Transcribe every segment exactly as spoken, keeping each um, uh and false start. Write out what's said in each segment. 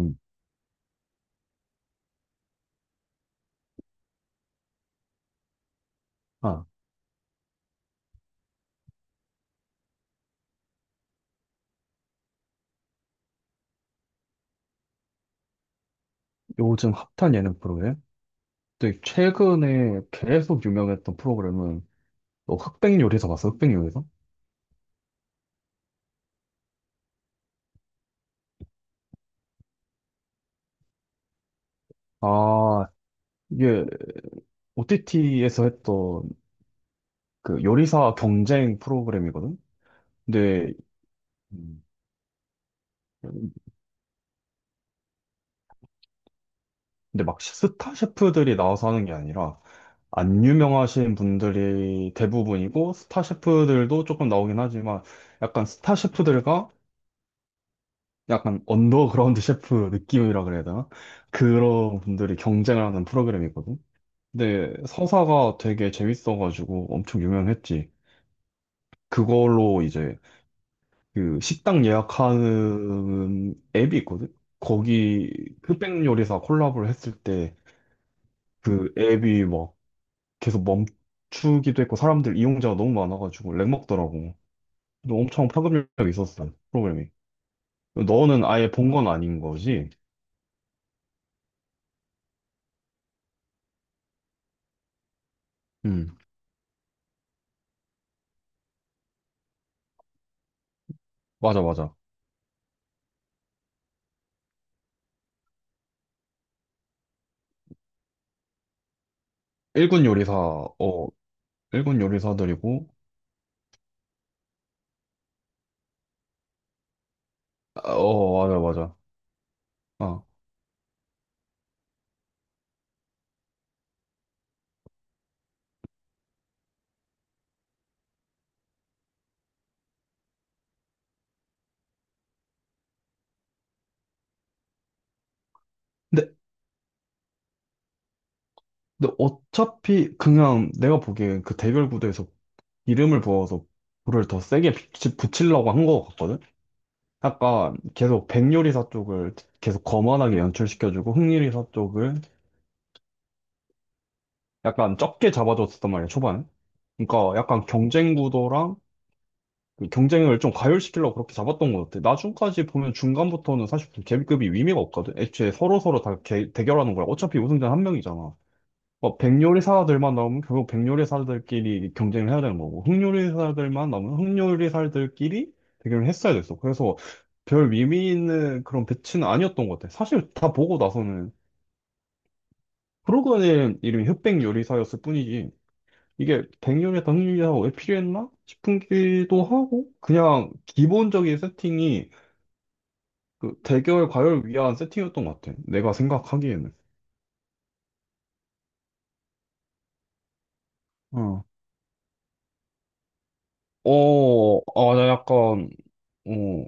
음. 아, 요즘 핫한 예능 프로그램? 근데 최근에 계속 유명했던 프로그램은 너 흑백 요리사 봤어? 흑백 요리사? 아, 이게 오티티에서 했던 그 요리사 경쟁 프로그램이거든? 근데, 음, 근데 막 스타 셰프들이 나와서 하는 게 아니라 안 유명하신 분들이 대부분이고 스타 셰프들도 조금 나오긴 하지만 약간 스타 셰프들과 약간 언더그라운드 셰프 느낌이라 그래야 되나? 그런 분들이 경쟁을 하는 프로그램이거든. 근데 서사가 되게 재밌어가지고 엄청 유명했지. 그걸로 이제 그 식당 예약하는 앱이 있거든. 거기 흑백 요리사 콜라보를 했을 때 그 앱이 막 계속 멈추기도 했고 사람들 이용자가 너무 많아가지고 렉 먹더라고. 근데 엄청 파급력이 있었어 프로그램이. 너는 아예 본 건 아닌 거지? 응. 맞아, 맞아. 일군 요리사, 어, 일군 요리사들이고, 아, 어, 맞아, 맞아. 어. 근데, 근데 어차피 그냥 내가 보기엔 그 대결 구도에서 이름을 부어서 불을 더 세게 붙이- 붙이려고 한 거 같거든? 약간 계속 백요리사 쪽을 계속 거만하게 연출시켜주고 흑요리사 쪽을 약간 적게 잡아줬었단 말이야, 초반에. 그러니까 약간 경쟁 구도랑 그 경쟁을 좀 가열시키려고 그렇게 잡았던 것 같아. 나중까지 보면 중간부터는 사실 계급이 의미가 없거든. 애초에 서로서로 다 개- 대결하는 거야. 어차피 우승자는 한 명이잖아. 뭐 백요리사들만 나오면 결국 백요리사들끼리 경쟁을 해야 되는 거고 흑요리사들만 나오면 흑요리사들끼리 대결을 했어야 됐어. 그래서 별 의미 있는 그런 배치는 아니었던 것 같아. 사실 다 보고 나서는 프로그램 이름이 흑백요리사였을 뿐이지. 이게 백영 영 열에다 흥미가 왜 필요했나 싶기도 하고 그냥 기본적인 세팅이 그 대결 과열 위한 세팅이었던 것 같아. 내가 생각하기에는. 어. 어, 아, 나 약간 어,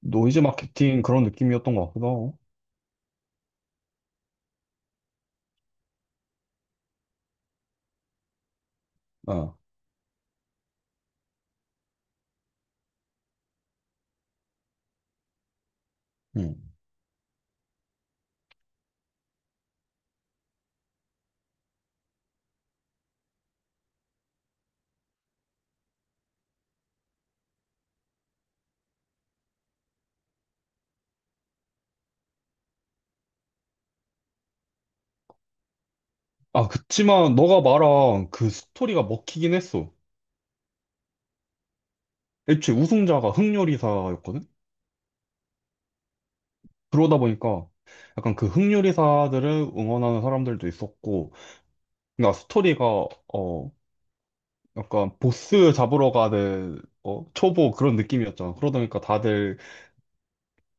노이즈 마케팅 그런 느낌이었던 것 같기도 하고. 어, 음. 아, 그치만 너가 말한 그 스토리가 먹히긴 했어. 애초에 우승자가 흑요리사였거든? 그러다 보니까 약간 그 흑요리사들을 응원하는 사람들도 있었고, 그러니까 스토리가 어, 약간 보스 잡으러 가는 어, 초보 그런 느낌이었잖아. 그러다 보니까 다들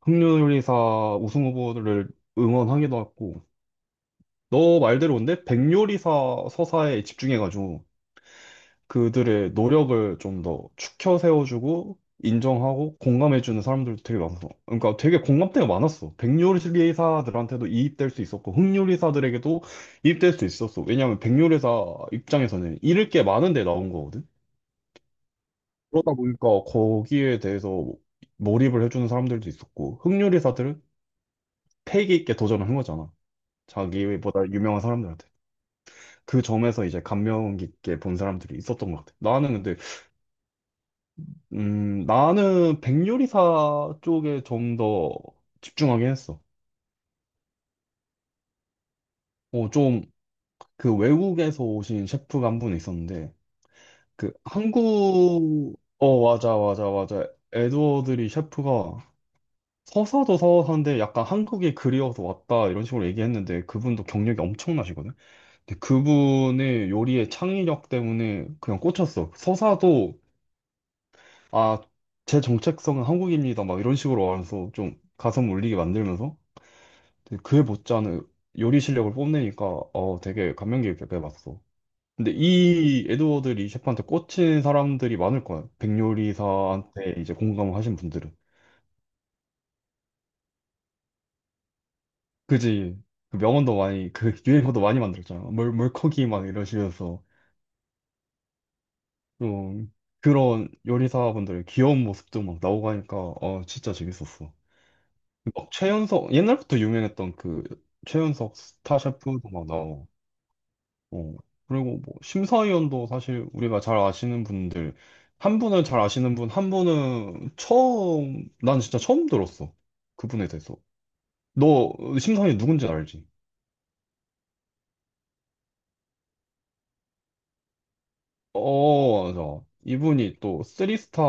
흑요리사 우승 후보를 응원하기도 하고 너 말대로 근데 백요리사 서사에 집중해가지고 그들의 노력을 좀 더 추켜 세워주고 인정하고 공감해주는 사람들도 되게 많아서 그러니까 되게 공감대가 많았어. 백요리사들한테도 이입될 수 있었고 흑요리사들에게도 이입될 수 있었어. 왜냐하면 백요리사 입장에서는 잃을 게 많은데 나온 거거든. 그러다 보니까 거기에 대해서 몰입을 해주는 사람들도 있었고, 흑요리사들은 패기 있게 도전을 한 거잖아. 자기보다 유명한 사람들한테. 그 점에서 이제 감명 깊게 본 사람들이 있었던 것 같아. 나는 근데, 음, 나는 백요리사 쪽에 좀 더 집중하긴 했어. 어, 좀, 그 외국에서 오신 셰프가 한 분 있었는데, 그 한국, 어, 맞아, 맞아, 맞아. 에드워드리 셰프가 서사도 서사인데 약간 한국이 그리워서 왔다 이런 식으로 얘기했는데 그분도 경력이 엄청나시거든. 근데 그분의 요리의 창의력 때문에 그냥 꽂혔어. 서사도 아, 제 정체성은 한국입니다 막 이런 식으로 와서 좀 가슴 울리게 만들면서 되게 그에 못지않은 요리 실력을 뽐내니까 어 되게 감명 깊게 봤어. 근데 이 에드워드 리 셰프한테 꽂힌 사람들이 많을 거야. 백요리사한테 이제 공감을 하신 분들은. 그지. 그 명언도 많이, 그 유행어도 많이 만들었잖아. 물, 물고기 막 이러시면서. 어, 그런 요리사분들의 귀여운 모습도 막 나오고 하니까, 어, 진짜 재밌었어. 막 최연석, 옛날부터 유명했던 그 최연석 스타 셰프도 막 나오고. 어. 그리고 뭐, 심사위원도 사실 우리가 잘 아시는 분들, 한 분은 잘 아시는 분, 한 분은 처음, 난 진짜 처음 들었어. 그분에 대해서. 너 심사위원 누군지 알지? 어, 맞아. 이분이 또 쓰리스타,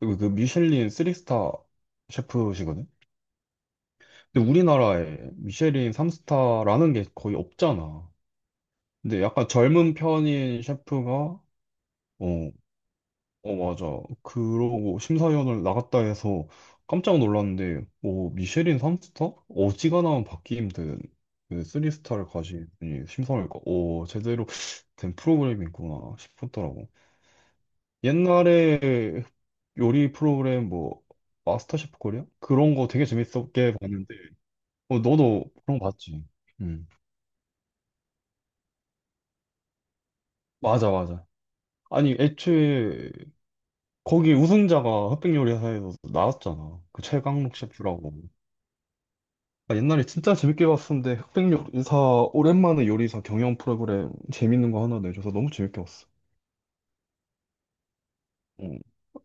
그 그 미슐린 쓰리스타 셰프시거든? 근데 우리나라에 미슐린 삼스타라는게 거의 없잖아. 근데 약간 젊은 편인 셰프가, 어, 어, 맞아. 그러고 심사위원을 나갔다 해서 깜짝 놀랐는데, 어, 미슐린 삼스타 어지간하면 받기 힘든 그 쓰리스타를 가진 분이 심사위원이니까, 어, 제대로 된 프로그램이구나 싶었더라고. 옛날에 요리 프로그램 뭐 마스터셰프 코리아? 그런 거 되게 재밌었게 봤는데 어, 너도 그런 거 봤지? 응. 맞아 맞아. 아니 애초에 거기 우승자가 흑백요리사에서 나왔잖아. 그 최강록 셰프라고. 아, 옛날에 진짜 재밌게 봤었는데 흑백요리사 오랜만에 요리사 경영 프로그램 재밌는 거 하나 내줘서 너무 재밌게 봤어. 음.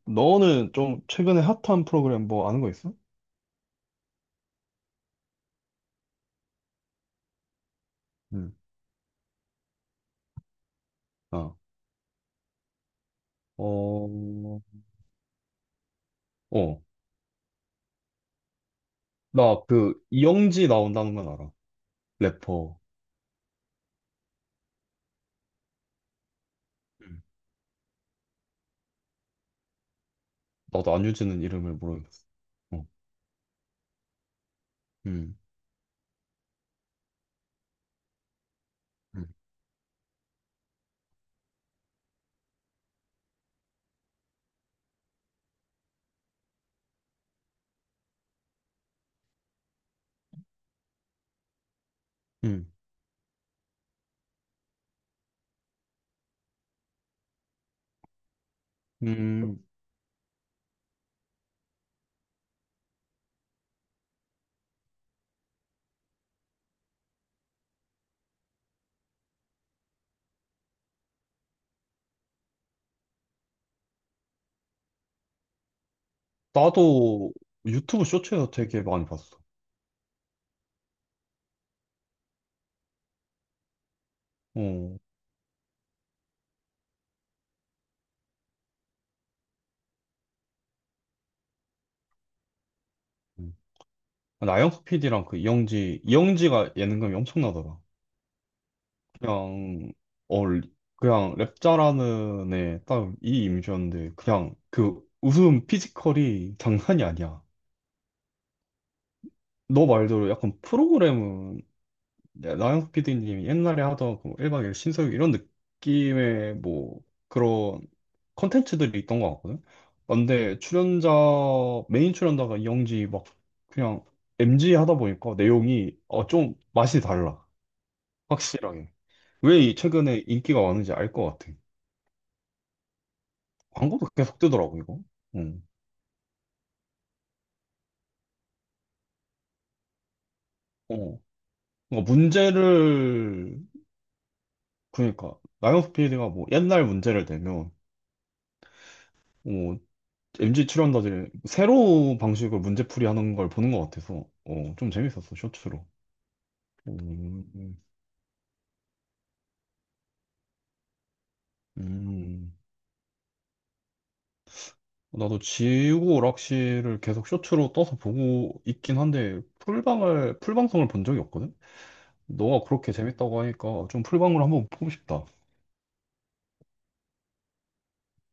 너는 좀 최근에 핫한 프로그램 뭐 아는 거 있어? 응. 아. 어, 어, 나 그 이영지 나온다는 건 알아. 래퍼. 음, 나도 안유진은 이름을 모르겠어. 어. 음. 음. 음. 음. 나도 유튜브 쇼츠에서 되게 많이 봤어. 어. 음. 나영석 피디랑 그 이영지, 이영지가 예능감이 엄청나더라. 그냥, 어, 그냥 랩 잘하는 애 딱 이 이미지였는데, 그냥 그 웃음 피지컬이 장난이 아니야. 너 말대로 약간 프로그램은 네, 나영석 피디님이 옛날에 하던 그 일 박 이 일 신서유 이런 느낌의 뭐 그런 컨텐츠들이 있던 것 같거든. 아, 근데 출연자 메인 출연자가 이영지 막 그냥 엠지 하다 보니까 내용이 어, 좀 맛이 달라. 확실하게. 왜 이 최근에 인기가 많은지 알 것 같아. 광고도 계속 뜨더라고 이거. 응. 어. 뭔가 문제를 그러니까 나영석 피디가 뭐 옛날 문제를 대면 엠지 출연자들 새로운 방식으로 문제풀이 하는 걸 보는 것 같아서 어, 좀 재밌었어 쇼츠로. 음, 음. 나도 지우고 오락실을 계속 쇼츠로 떠서 보고 있긴 한데 풀방을 풀방송을 본 적이 없거든. 너가 그렇게 재밌다고 하니까 좀 풀방으로 한번 보고 싶다.